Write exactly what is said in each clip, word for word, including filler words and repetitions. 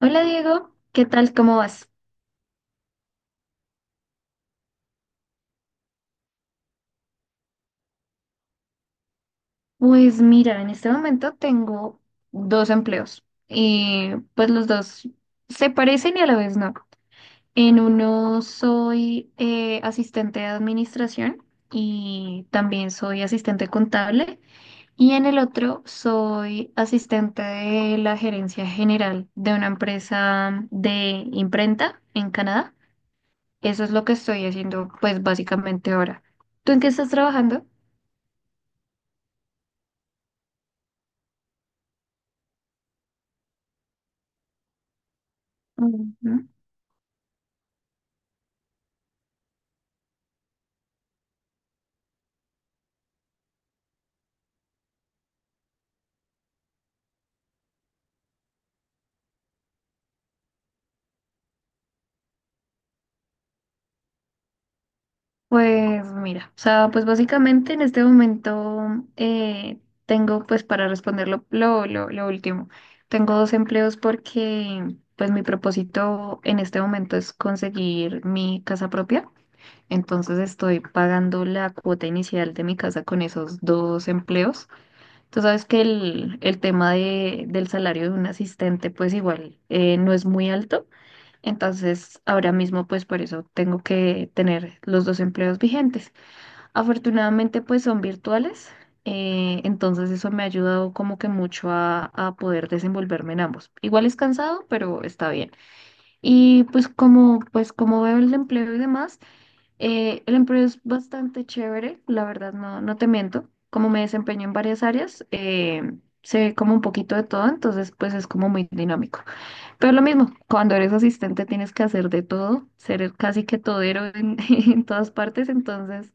Hola Diego, ¿qué tal? ¿Cómo vas? Pues mira, en este momento tengo dos empleos y pues los dos se parecen y a la vez no. En uno soy eh, asistente de administración y también soy asistente contable y en el otro soy asistente de la gerencia general de una empresa de imprenta en Canadá. Eso es lo que estoy haciendo pues básicamente ahora. ¿Tú en qué estás trabajando? Ujú. Pues mira, o sea, pues básicamente en este momento eh, tengo, pues para responder lo, lo, lo- lo último, tengo dos empleos porque pues mi propósito en este momento es conseguir mi casa propia, entonces estoy pagando la cuota inicial de mi casa con esos dos empleos. Tú sabes que el, el tema de, del salario de un asistente pues igual eh, no es muy alto, entonces ahora mismo pues por eso tengo que tener los dos empleos vigentes. Afortunadamente, pues son virtuales, eh, entonces eso me ha ayudado como que mucho a, a poder desenvolverme en ambos. Igual es cansado, pero está bien. Y pues como, pues como veo el empleo y demás, eh, el empleo es bastante chévere, la verdad, no, no te miento. Como me desempeño en varias áreas, eh, sé como un poquito de todo, entonces pues es como muy dinámico. Pero lo mismo, cuando eres asistente tienes que hacer de todo, ser el casi que todero en en todas partes, entonces...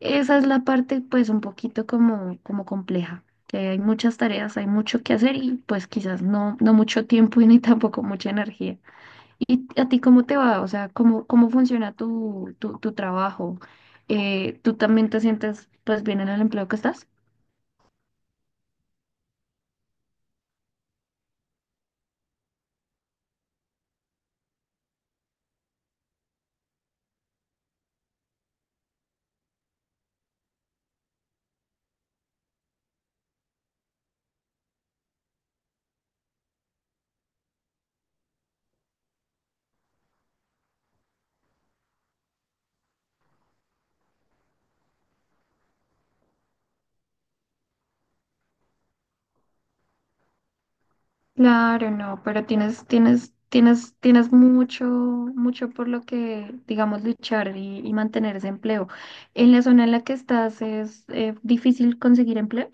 Esa es la parte pues un poquito como, como compleja, que hay muchas tareas, hay mucho que hacer y pues quizás no, no mucho tiempo y ni tampoco mucha energía. ¿Y a ti cómo te va? O sea, ¿cómo, cómo funciona tu, tu, tu trabajo? Eh, ¿tú también te sientes pues bien en el empleo que estás? Claro, no, pero tienes, tienes, tienes, tienes mucho, mucho por lo que, digamos, luchar y, y mantener ese empleo. ¿En la zona en la que estás es eh, difícil conseguir empleo?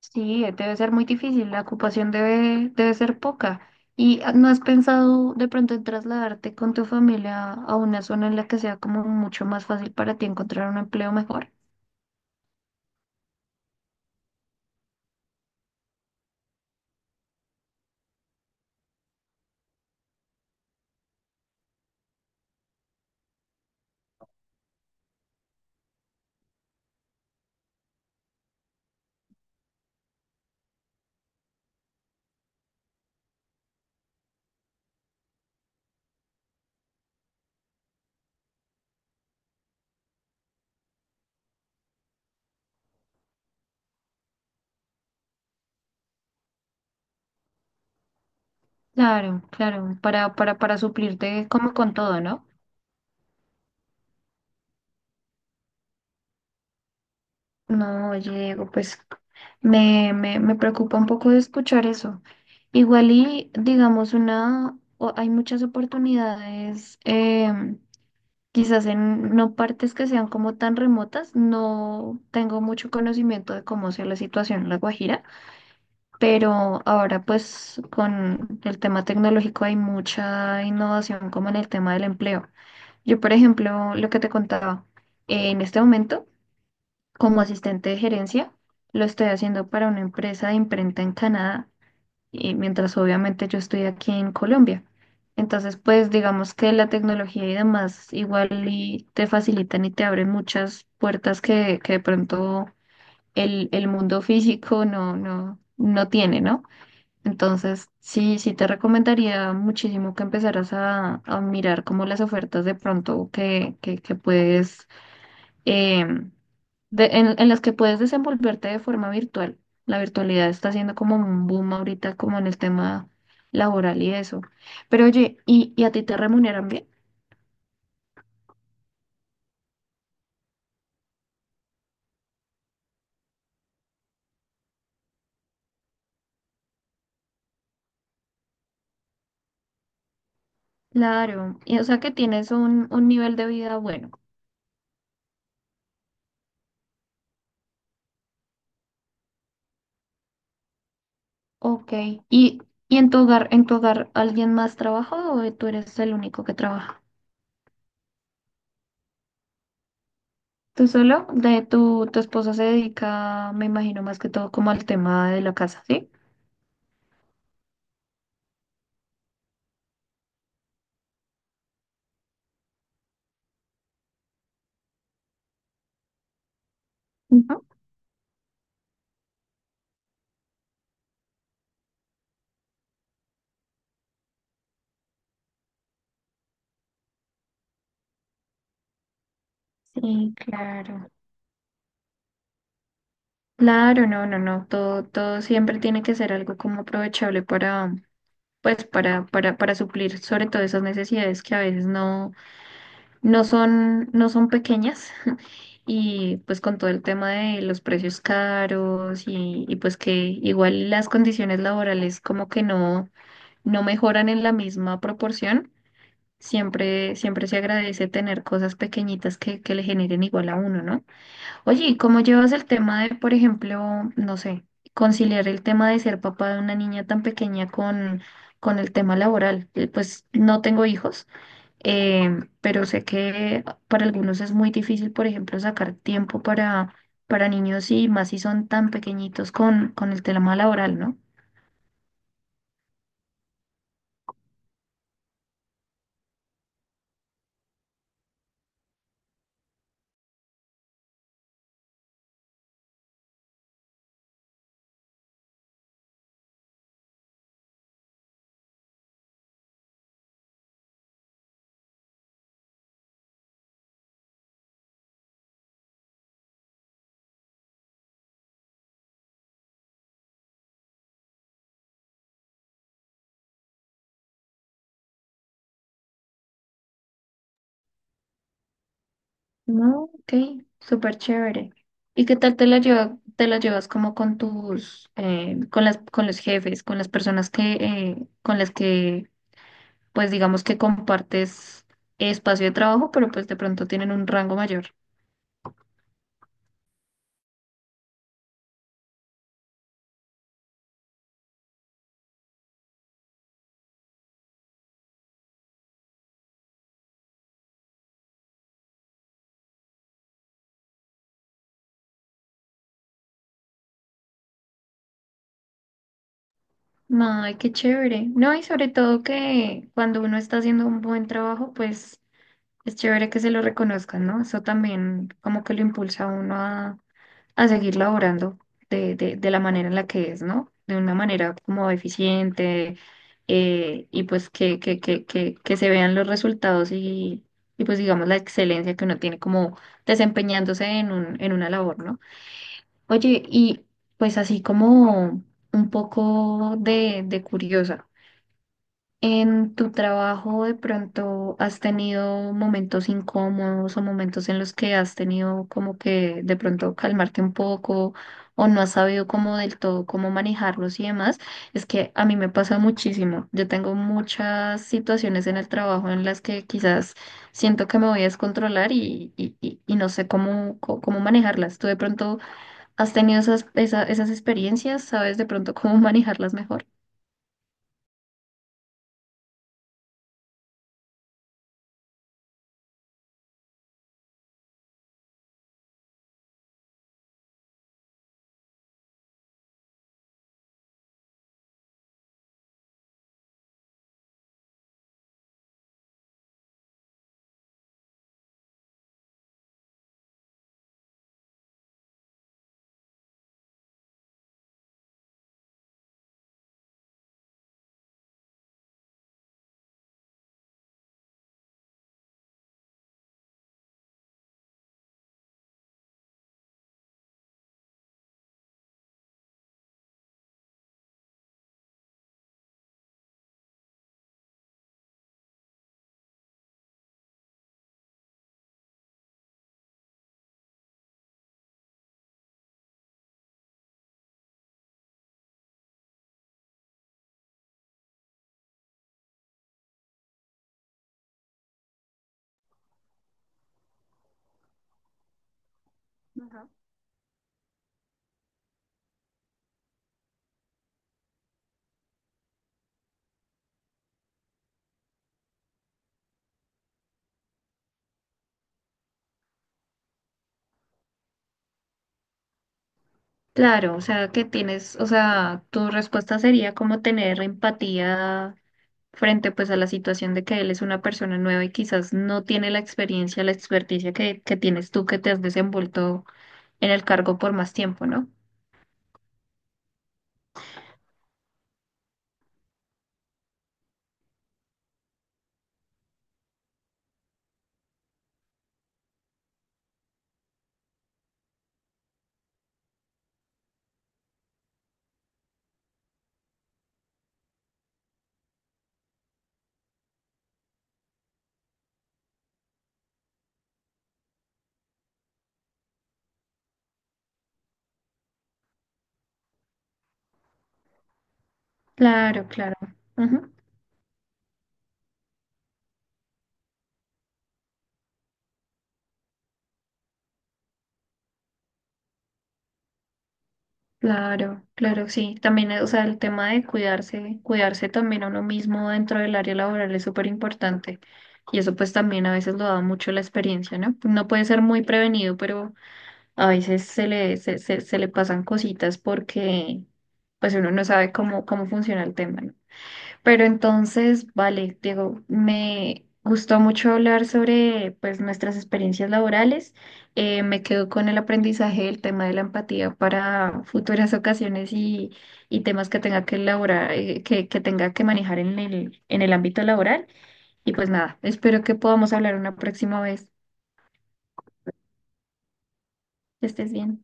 Sí, debe ser muy difícil, la ocupación debe, debe ser poca. ¿Y ah, no has pensado de pronto en trasladarte con tu familia a una zona en la que sea como mucho más fácil para ti encontrar un empleo mejor? Claro, claro, para, para, para suplirte como con todo, ¿no? No, oye, Diego, pues me, me, me preocupa un poco de escuchar eso. Igual y digamos una, o- hay muchas oportunidades. em, Quizás en no partes que sean como tan remotas, no tengo mucho conocimiento de cómo sea la situación en La Guajira, pero ahora pues con el tema tecnológico hay mucha innovación como en el tema del empleo. Yo, por ejemplo, lo que te contaba, eh, en este momento como asistente de gerencia, lo estoy haciendo para una empresa de imprenta en Canadá y mientras obviamente yo estoy aquí en Colombia. Entonces, pues digamos que la tecnología y demás igual y te facilitan y te abren muchas puertas que, que de pronto el, el mundo físico no, no, no tiene, ¿no? Entonces, sí, sí te recomendaría muchísimo que empezaras a, a mirar como las ofertas de pronto que, que, que puedes eh, de- en, en las que puedes desenvolverte de forma virtual. La virtualidad está siendo como un boom ahorita, como en el tema laboral y eso. Pero oye, ¿y, y a ti te remuneran bien? Claro, y, o sea que tienes un, un nivel de vida bueno. Ok, ¿y, ¿y en tu hogar, en tu hogar alguien más trabaja o tú eres el único que trabaja? ¿Tú solo? De tu, tu esposa se dedica, me imagino, más que todo como al tema de la casa, ¿sí? Ujú. Sí, claro. Claro, no, no, no, todo, todo siempre tiene que ser algo como aprovechable para, pues, para, para, para suplir sobre todo esas necesidades que a veces no, no son, no son pequeñas. Y pues con todo el tema de los precios caros y, y pues que igual las condiciones laborales como que no, no mejoran en la misma proporción, siempre, siempre se agradece tener cosas pequeñitas que, que le generen igual a uno, ¿no? Oye, ¿y cómo llevas el tema de, por ejemplo, no sé, conciliar el tema de ser papá de una niña tan pequeña con, con el tema laboral? Eh, Pues no tengo hijos, em, pero sé que para algunos es muy difícil, por ejemplo, sacar tiempo para, para niños y más si son tan pequeñitos con, con el tema laboral, ¿no? No, ok, súper chévere. ¿Y qué tal te la lleva, te la llevas como con tus, eh, con las, con los jefes, con las personas que, eh, con las que pues digamos que compartes espacio de trabajo, pero pues de pronto tienen un rango mayor. Ay, qué chévere. No, y sobre todo que cuando uno está haciendo un buen trabajo, pues es chévere que se lo reconozcan, ¿no? Eso también como que lo impulsa a uno a, a seguir laborando de, de, de, la manera en la que es, ¿no? De una manera como eficiente eh, y pues que, que, que, que, que se vean los resultados y, y pues digamos la excelencia que uno tiene como desempeñándose en un, en una labor, ¿no? Oye, y pues así como un poco de, de curiosa, ¿en tu trabajo de pronto has tenido momentos incómodos o momentos en los que has tenido como que de pronto calmarte un poco o no has sabido como del todo cómo manejarlos y demás? Es que a mí me pasa muchísimo. Yo tengo muchas situaciones en el trabajo en las que quizás siento que me voy a descontrolar y, y, y- y no sé cómo, cómo manejarlas. ¿Tú de pronto... ¿Has tenido esas, esa- esas experiencias? ¿Sabes de pronto cómo manejarlas mejor? Ujú. Claro, o sea, que tienes, o sea, tu respuesta sería como tener empatía frente pues a la situación de que él es una persona nueva y quizás no tiene la experiencia, la experticia que, que tienes tú que te has desenvuelto en el cargo por más tiempo, ¿no? Claro, claro. Ujú. Claro, claro, sí. También, eh, o sea, el tema de cuidarse, cuidarse también a uno mismo dentro del área laboral es súper importante. Y eso pues también a veces lo da mucho la experiencia, ¿no? No puede ser muy prevenido, pero a veces se le, se, se, se le pasan cositas porque pues uno no sabe cómo, cómo funciona el tema, ¿no? Pero entonces, vale, Diego, me gustó mucho hablar sobre pues nuestras experiencias laborales. Eh, me quedo con el aprendizaje del tema de la empatía para futuras ocasiones y, y temas que tenga que elaborar, eh, que, que tenga que manejar en el, en el ámbito laboral. Y pues nada, espero que podamos hablar una próxima vez. Que estés bien.